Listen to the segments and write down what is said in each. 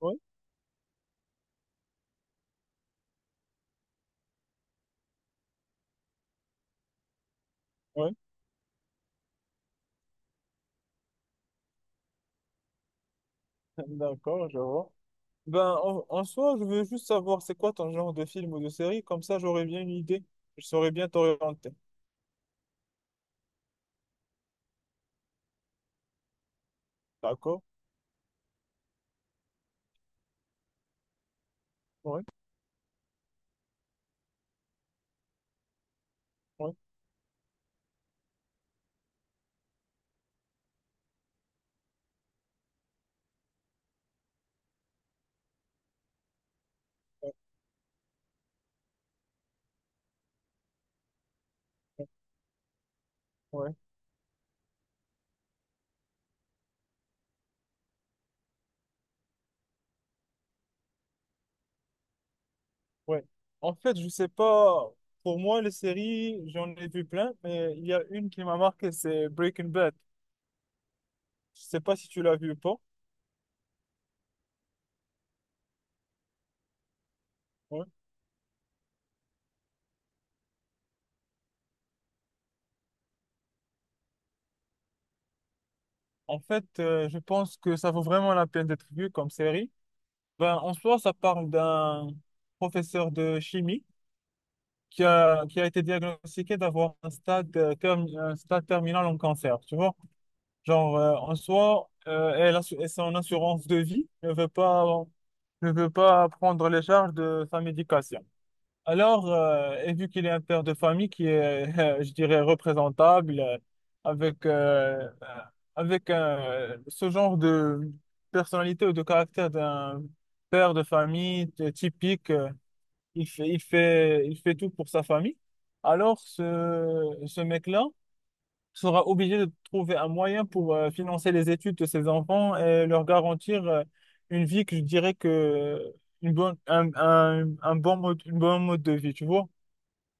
Oui, oui, d'accord, je vois. Ben, en soi, je veux juste savoir c'est quoi ton genre de film ou de série, comme ça j'aurais bien une idée, je saurais bien t'orienter. D'accord? Oui, oui, oui, oui, oui. En fait, je sais pas, pour moi, les séries, j'en ai vu plein, mais il y a une qui m'a marqué, c'est Breaking Bad. Je sais pas si tu l'as vu ou pas. Ouais. En fait, je pense que ça vaut vraiment la peine d'être vu comme série. Ben, en soi, ça parle d'un professeur de chimie qui a été diagnostiqué d'avoir un stade, un stade terminal en cancer, tu vois. Genre, en soi, et son assurance de vie ne veut pas prendre les charges de sa médication. Alors, et vu qu'il est un père de famille qui est, je dirais, représentable, avec, euh, euh, avec ce genre de personnalité ou de caractère d'un père de famille typique, euh, il fait tout pour sa famille. Alors, ce mec-là sera obligé de trouver un moyen pour financer les études de ses enfants et leur garantir une vie que je dirais que une bonne, un bon mode, une bonne mode de vie, tu vois.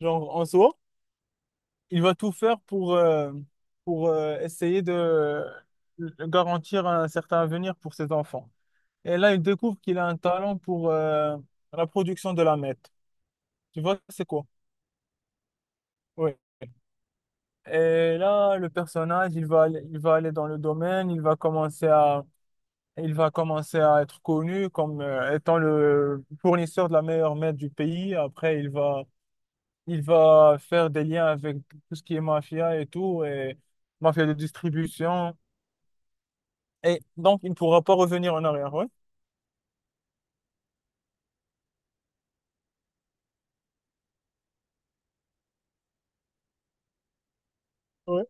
Genre, en soi, il va tout faire pour essayer de garantir un certain avenir pour ses enfants. Et là, il découvre qu'il a un talent pour la production de la meth. Tu vois, c'est quoi? Ouais. Et là, le personnage, il va aller dans le domaine, il va commencer à être connu comme étant le fournisseur de la meilleure merde du pays. Après, il va faire des liens avec tout ce qui est mafia et tout, et mafia de distribution. Et donc, il ne pourra pas revenir en arrière, ouais. Ouais.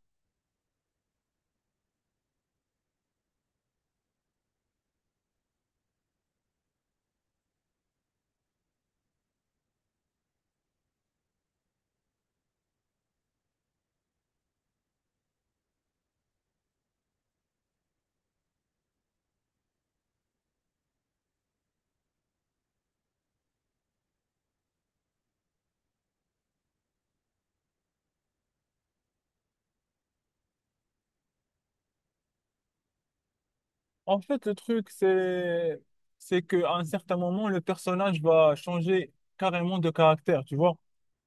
En fait, c'est qu'à un certain moment, le personnage va changer carrément de caractère, tu vois.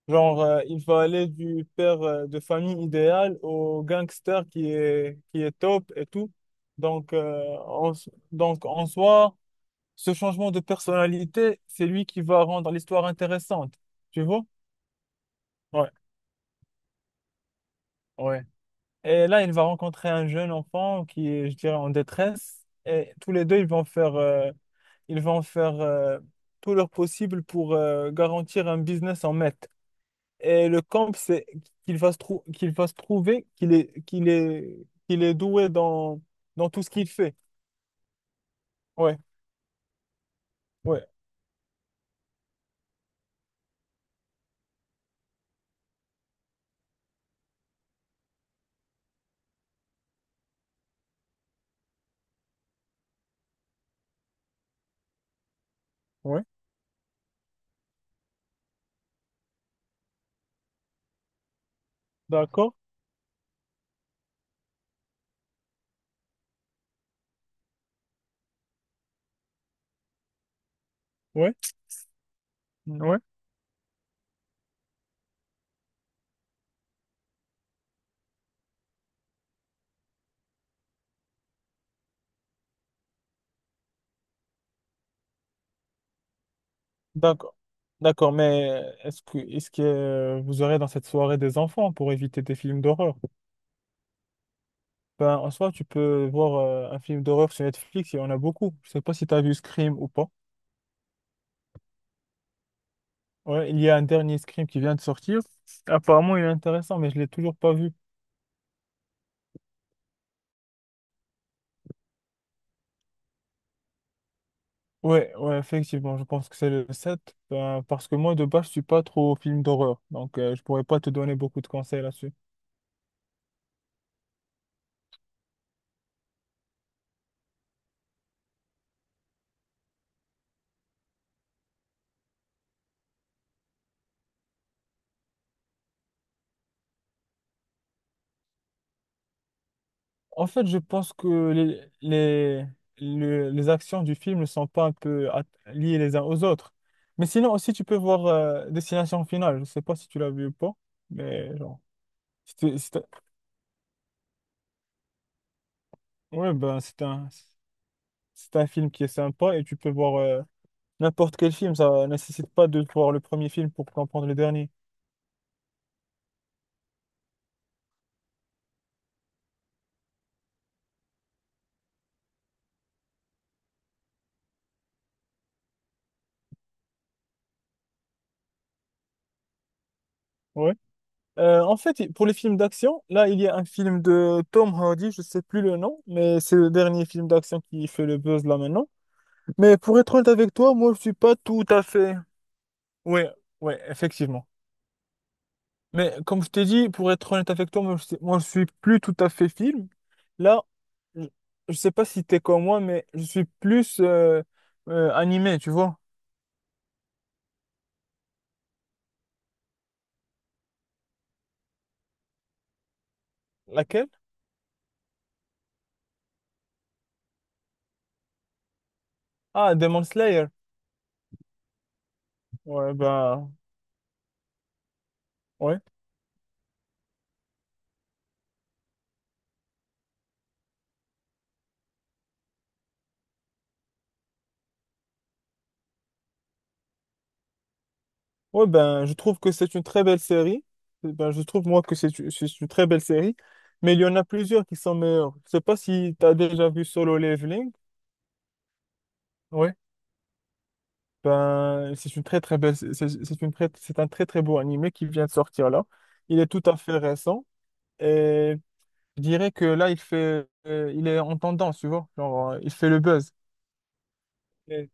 Genre, il faut aller du père de famille idéal au gangster qui est top et tout. Donc, en soi, ce changement de personnalité, c'est lui qui va rendre l'histoire intéressante. Tu vois? Ouais, ouais. Et là, il va rencontrer un jeune enfant qui est, je dirais, en détresse. Et tous les deux, ils vont faire tout leur possible pour garantir un business en maître. Et le camp, c'est qu'il va se trouver qu'il est doué dans tout ce qu'il fait. Ouais, ouais, ouais, d'accord, ouais, ouais, d'accord. D'accord, mais est-ce que vous aurez dans cette soirée des enfants pour éviter des films d'horreur? Ben, en soi, tu peux voir un film d'horreur sur Netflix, il y en a beaucoup. Je sais pas si tu as vu Scream ou pas. Ouais, il y a un dernier Scream qui vient de sortir. Apparemment, il est intéressant, mais je l'ai toujours pas vu. Ouais, ouais, effectivement, je pense que c'est le 7 ben, parce que moi, de base, je suis pas trop film d'horreur, donc je pourrais pas te donner beaucoup de conseils là-dessus. En fait, je pense que les actions du film ne sont pas liées les uns aux autres. Mais sinon, aussi, tu peux voir Destination Finale. Je sais pas si tu l'as vu ou pas, mais genre, si tu… Ouais, ben, c'est un film qui est sympa et tu peux voir n'importe quel film. Ça nécessite pas de voir le premier film pour comprendre le dernier. Ouais. En fait, pour les films d'action, là, il y a un film de Tom Hardy, je sais plus le nom, mais c'est le dernier film d'action qui fait le buzz là maintenant. Mais pour être honnête avec toi, moi, je suis pas tout à fait. Ouais, ouais, effectivement. Mais comme je t'ai dit, pour être honnête avec toi, moi, je suis plus tout à fait film. Là, je, je sais pas si t'es comme moi, mais je suis plus animé, tu vois. Laquelle? Ah, Demon Slayer. Ouais, ben, ouais. Ouais, ben, je trouve que c'est une très belle série. Eh Ben, je trouve, moi, que c'est une très belle série. Mais il y en a plusieurs qui sont meilleures. Je sais pas si t'as déjà vu Solo Leveling. Ouais. Ben, c'est une très, très belle, c'est une très, c'est un très, très beau animé qui vient de sortir là. Il est tout à fait récent. Et je dirais que là, il est en tendance, tu vois. Genre, il fait le buzz. Et,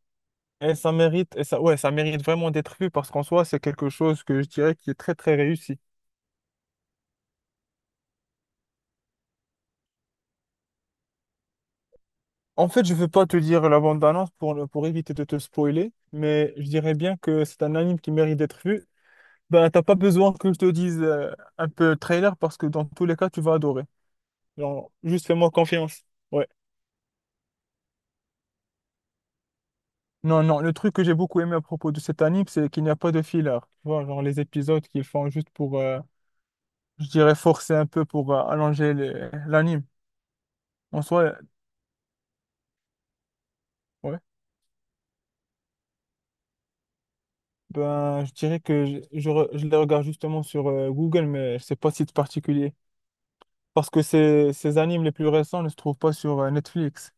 et ça mérite vraiment d'être vu parce qu'en soi, c'est quelque chose que je dirais qui est très, très réussi. En fait, je veux pas te dire la bande-annonce pour, ne- pour éviter de te spoiler, mais je dirais bien que c'est un anime qui mérite d'être vu. Ben, t'as pas besoin que je te dise un peu trailer parce que dans tous les cas, tu vas adorer. Genre, juste fais-moi confiance. Ouais. Non, non, le truc que j'ai beaucoup aimé à propos de cet anime, c'est qu'il n'y a pas de filler. Tu vois, genre les épisodes qu'ils font juste pour, je dirais, forcer un peu pour l'anime. En soi, ouais, ben, je dirais que je les regarde justement sur Google, mais c'est pas site particulier. Parce que ces animes les plus récents ne se trouvent pas sur Netflix.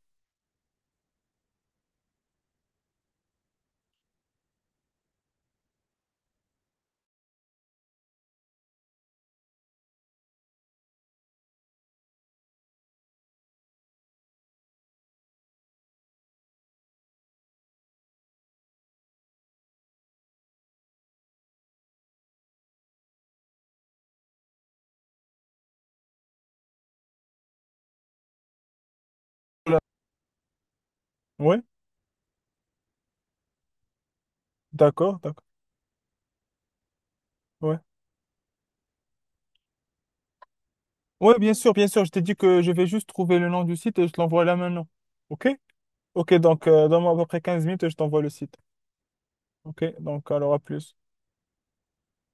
Voilà. Ouais, d'accord, d'accord. Ouais. Ouais, bien sûr, bien sûr. Je t'ai dit que je vais juste trouver le nom du site et je te l'envoie là maintenant. OK? OK, donc donne-moi à peu près 15 minutes et je t'envoie le site. Ok, donc alors à plus.